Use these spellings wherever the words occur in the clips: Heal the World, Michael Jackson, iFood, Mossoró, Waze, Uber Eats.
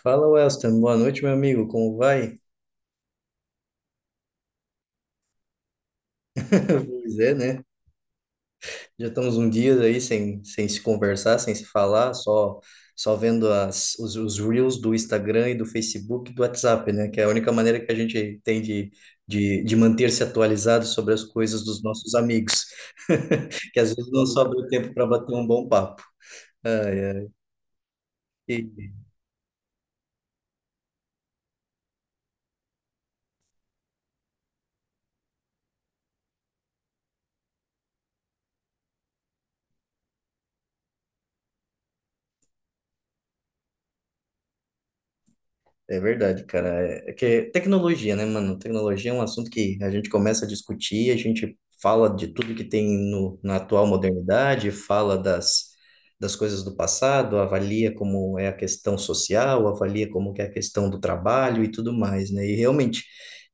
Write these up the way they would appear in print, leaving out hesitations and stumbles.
Fala, Welston. Boa noite, meu amigo. Como vai? Pois é, né? Já estamos um dia aí sem se conversar, sem se falar, só vendo os reels do Instagram e do Facebook e do WhatsApp, né? Que é a única maneira que a gente tem de manter-se atualizado sobre as coisas dos nossos amigos, que às vezes não sobra o tempo para bater um bom papo. Ai, ai. É verdade, cara. É que tecnologia, né, mano? Tecnologia é um assunto que a gente começa a discutir, a gente fala de tudo que tem no, na atual modernidade, fala das coisas do passado, avalia como é a questão social, avalia como que é a questão do trabalho e tudo mais, né? E realmente,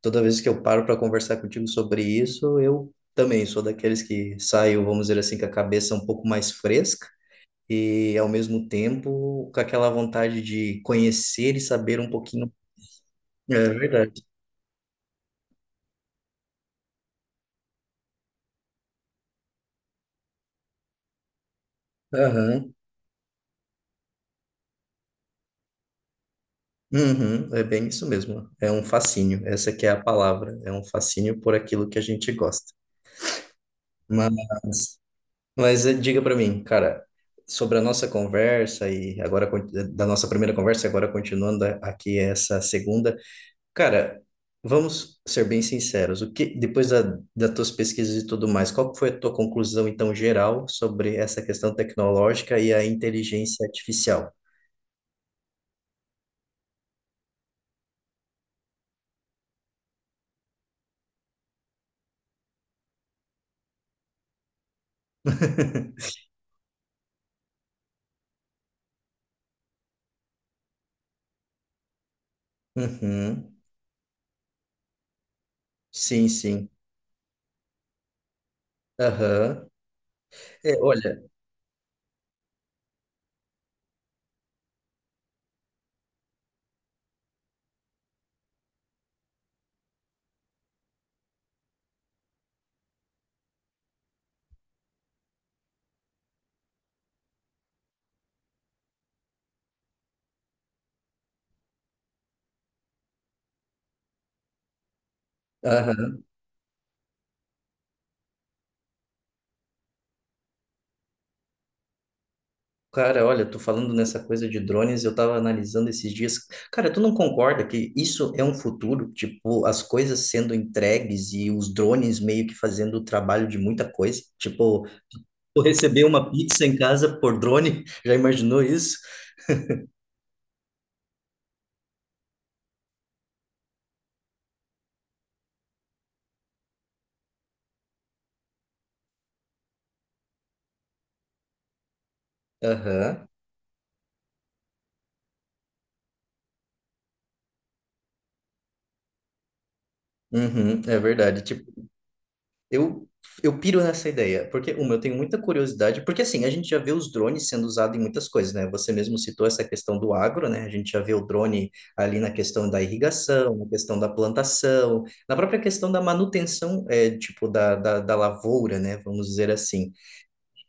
toda vez que eu paro para conversar contigo sobre isso, eu também sou daqueles que saio, vamos dizer assim, com a cabeça um pouco mais fresca e ao mesmo tempo com aquela vontade de conhecer e saber um pouquinho é verdade. Aham. Uhum. É bem isso mesmo. É um fascínio. Essa que é a palavra. É um fascínio por aquilo que a gente gosta. Mas, mas, diga para mim, cara, sobre a nossa conversa e agora da nossa primeira conversa, e agora continuando aqui essa segunda, cara, vamos ser bem sinceros. O que depois da, das tuas pesquisas e tudo mais, qual foi a tua conclusão então geral sobre essa questão tecnológica e a inteligência artificial? Uhum. Sim, sim. Aham. É, olha, aham. Cara, olha, tu falando nessa coisa de drones, eu tava analisando esses dias. Cara, tu não concorda que isso é um futuro? Tipo, as coisas sendo entregues e os drones meio que fazendo o trabalho de muita coisa. Tipo, tu receber uma pizza em casa por drone, já imaginou isso? Aham. Uhum, é verdade. Tipo, Eu, eu piro nessa ideia, porque, uma, eu tenho muita curiosidade, porque assim, a gente já vê os drones sendo usados em muitas coisas, né? Você mesmo citou essa questão do agro, né? A gente já vê o drone ali na questão da irrigação, na questão da plantação, na própria questão da manutenção, é, tipo, da lavoura, né? Vamos dizer assim.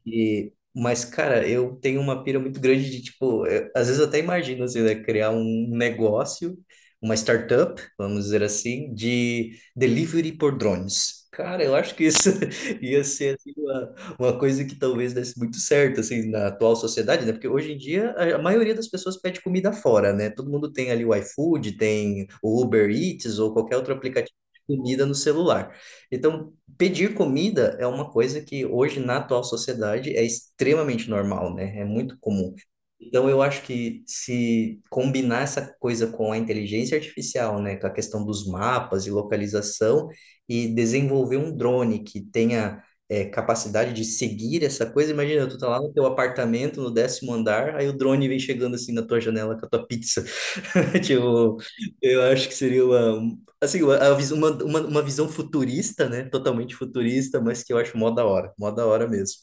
E, mas, cara, eu tenho uma pira muito grande de, tipo, às vezes eu até imagino, assim, né, criar um negócio, uma startup, vamos dizer assim, de delivery por drones. Cara, eu acho que isso ia ser, assim, uma coisa que talvez desse muito certo, assim, na atual sociedade, né? Porque hoje em dia a maioria das pessoas pede comida fora, né? Todo mundo tem ali o iFood, tem o Uber Eats ou qualquer outro aplicativo de comida no celular. Então, pedir comida é uma coisa que hoje na atual sociedade é extremamente normal, né? É muito comum. Então eu acho que se combinar essa coisa com a inteligência artificial, né, com a questão dos mapas e localização e desenvolver um drone que tenha capacidade de seguir essa coisa, imagina, tu tá lá no teu apartamento, no décimo andar, aí o drone vem chegando assim na tua janela com a tua pizza. Tipo, eu acho que seria uma, assim, a vis- uma visão futurista, né? Totalmente futurista, mas que eu acho mó da hora. Mó da hora mesmo.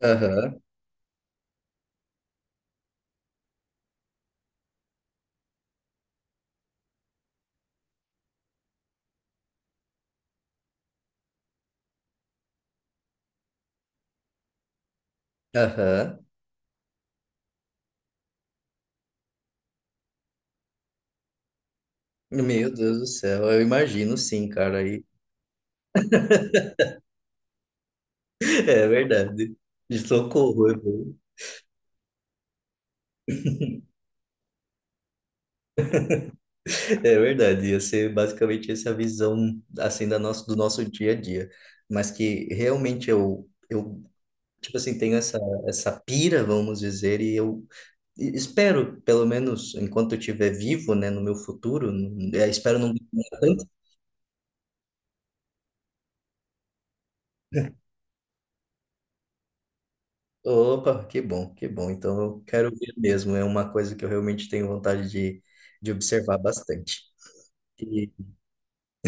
Aham, aham. Meu Deus do céu, eu imagino sim, cara. Aí. É verdade. De socorro, eu vou- é verdade. Ia ser basicamente essa visão, assim, da nosso, do nosso dia a dia. Mas que realmente eu tipo assim, tenho essa, essa pira, vamos dizer, e eu espero, pelo menos enquanto eu estiver vivo, né, no meu futuro, espero não demorar. Opa, que bom, que bom. Então eu quero ver mesmo, é uma coisa que eu realmente tenho vontade de observar bastante.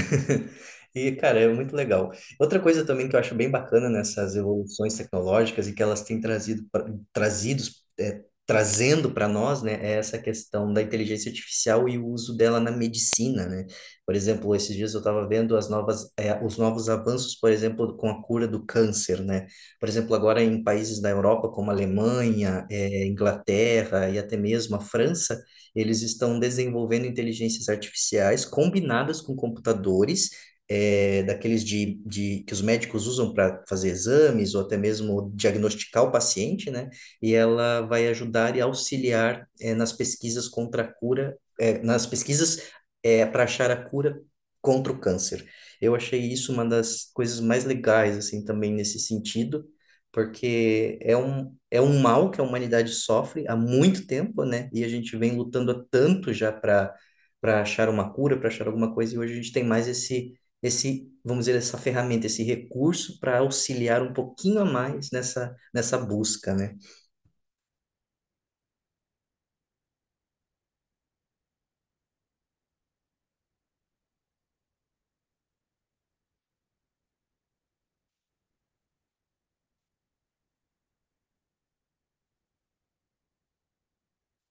E, cara, é muito legal. Outra coisa também que eu acho bem bacana nessas evoluções tecnológicas e que elas têm trazido, trazendo para nós, né, é essa questão da inteligência artificial e o uso dela na medicina, né? Por exemplo, esses dias eu estava vendo as novas, é, os novos avanços, por exemplo, com a cura do câncer, né? Por exemplo, agora em países da Europa, como a Alemanha, é, Inglaterra e até mesmo a França, eles estão desenvolvendo inteligências artificiais combinadas com computadores, é, daqueles de que os médicos usam para fazer exames ou até mesmo diagnosticar o paciente, né? E ela vai ajudar e auxiliar é, nas pesquisas contra a cura, é, nas pesquisas é para achar a cura contra o câncer. Eu achei isso uma das coisas mais legais, assim, também nesse sentido, porque é um mal que a humanidade sofre há muito tempo, né? E a gente vem lutando há tanto já para achar uma cura, para achar alguma coisa, e hoje a gente tem mais esse, vamos dizer, essa ferramenta, esse recurso para auxiliar um pouquinho a mais nessa busca, né?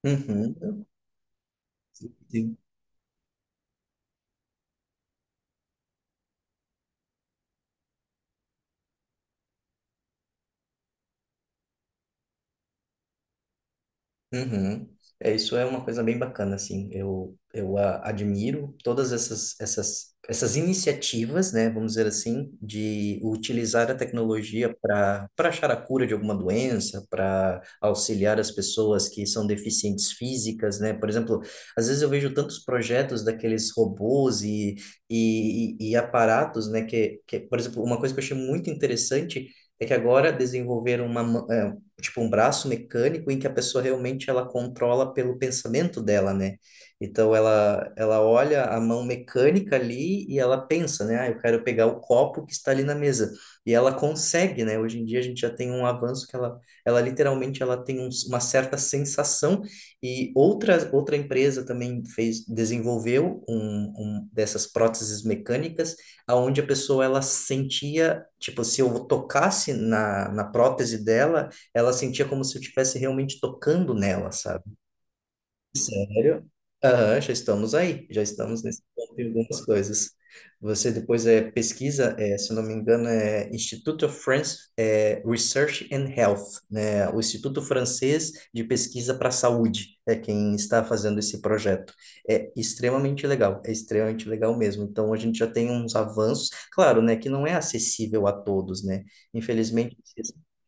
Uhum. Uhum. É, isso é uma coisa bem bacana, assim, eu admiro todas essas iniciativas, né, vamos dizer assim, de utilizar a tecnologia para achar a cura de alguma doença, para auxiliar as pessoas que são deficientes físicas, né, por exemplo, às vezes eu vejo tantos projetos daqueles robôs e aparatos, né, que, por exemplo, uma coisa que eu achei muito interessante é que agora desenvolveram uma mão tipo um braço mecânico em que a pessoa realmente ela controla pelo pensamento dela, né? Então ela olha a mão mecânica ali e ela pensa, né? Ah, eu quero pegar o copo que está ali na mesa. E ela consegue, né? Hoje em dia a gente já tem um avanço que ela literalmente ela tem uma certa sensação e outra empresa também fez desenvolveu um, um dessas próteses mecânicas aonde a pessoa ela sentia, tipo, se eu tocasse na prótese dela, ela sentia como se eu estivesse realmente tocando nela, sabe? Sério? Aham, já estamos aí, já estamos nesse ponto em algumas coisas. Você depois é, pesquisa, é, se eu não me engano, é Institute of France é, Research and Health, né? O Instituto Francês de Pesquisa para a Saúde é quem está fazendo esse projeto. É extremamente legal mesmo. Então, a gente já tem uns avanços, claro, né, que não é acessível a todos, né? Infelizmente,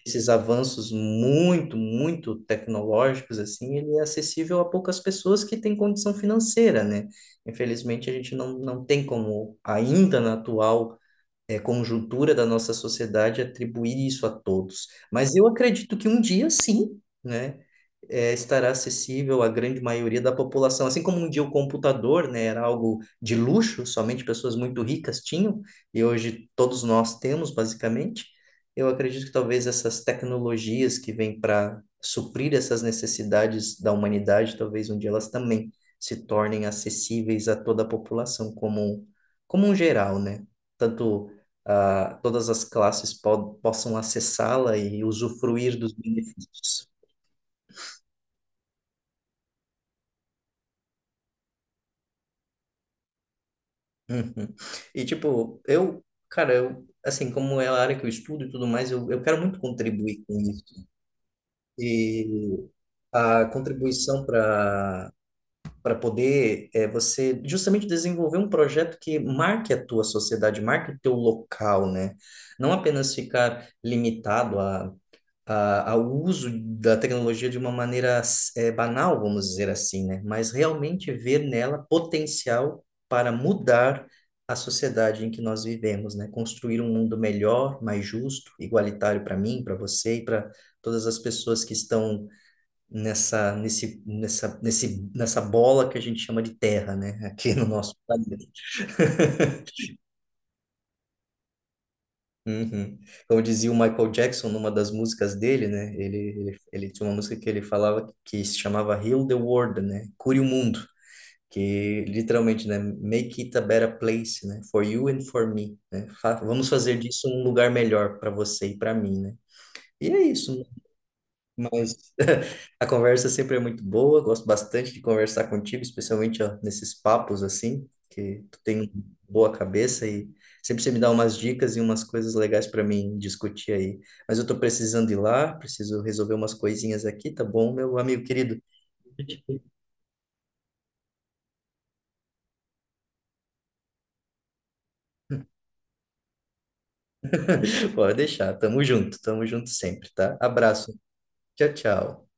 esses avanços muito tecnológicos, assim, ele é acessível a poucas pessoas que têm condição financeira, né? Infelizmente, a gente não tem como, ainda na atual é, conjuntura da nossa sociedade atribuir isso a todos. Mas eu acredito que um dia, sim, né, é, estará acessível à grande maioria da população. Assim como um dia o computador, né, era algo de luxo, somente pessoas muito ricas tinham, e hoje todos nós temos, basicamente. Eu acredito que talvez essas tecnologias que vêm para suprir essas necessidades da humanidade, talvez um dia elas também se tornem acessíveis a toda a população como um geral, né? Tanto ah, todas as classes po possam acessá-la e usufruir dos benefícios. Uhum. E, tipo, eu, cara, eu, assim, como é a área que eu estudo e tudo mais, eu quero muito contribuir com isso. E a contribuição para poder é, você justamente desenvolver um projeto que marque a tua sociedade, marque o teu local, né? Não apenas ficar limitado ao uso da tecnologia de uma maneira banal, vamos dizer assim, né? Mas realmente ver nela potencial para mudar a sociedade em que nós vivemos, né? Construir um mundo melhor, mais justo, igualitário para mim, para você e para todas as pessoas que estão nessa bola que a gente chama de terra, né? Aqui no nosso planeta. Uhum. Como dizia o Michael Jackson numa das músicas dele, né? Ele tinha uma música que ele falava que se chamava Heal the World, né? Cure o mundo, que literalmente, né? Make it a better place, né? For you and for me, né? Vamos fazer disso um lugar melhor para você e para mim, né? E é isso. Mas a conversa sempre é muito boa, gosto bastante de conversar contigo, especialmente ó, nesses papos assim, que tu tem boa cabeça e sempre você me dá umas dicas e umas coisas legais para mim discutir aí. Mas eu tô precisando ir lá, preciso resolver umas coisinhas aqui, tá bom, meu amigo querido? Pode deixar, tamo junto sempre, tá? Abraço, tchau, tchau.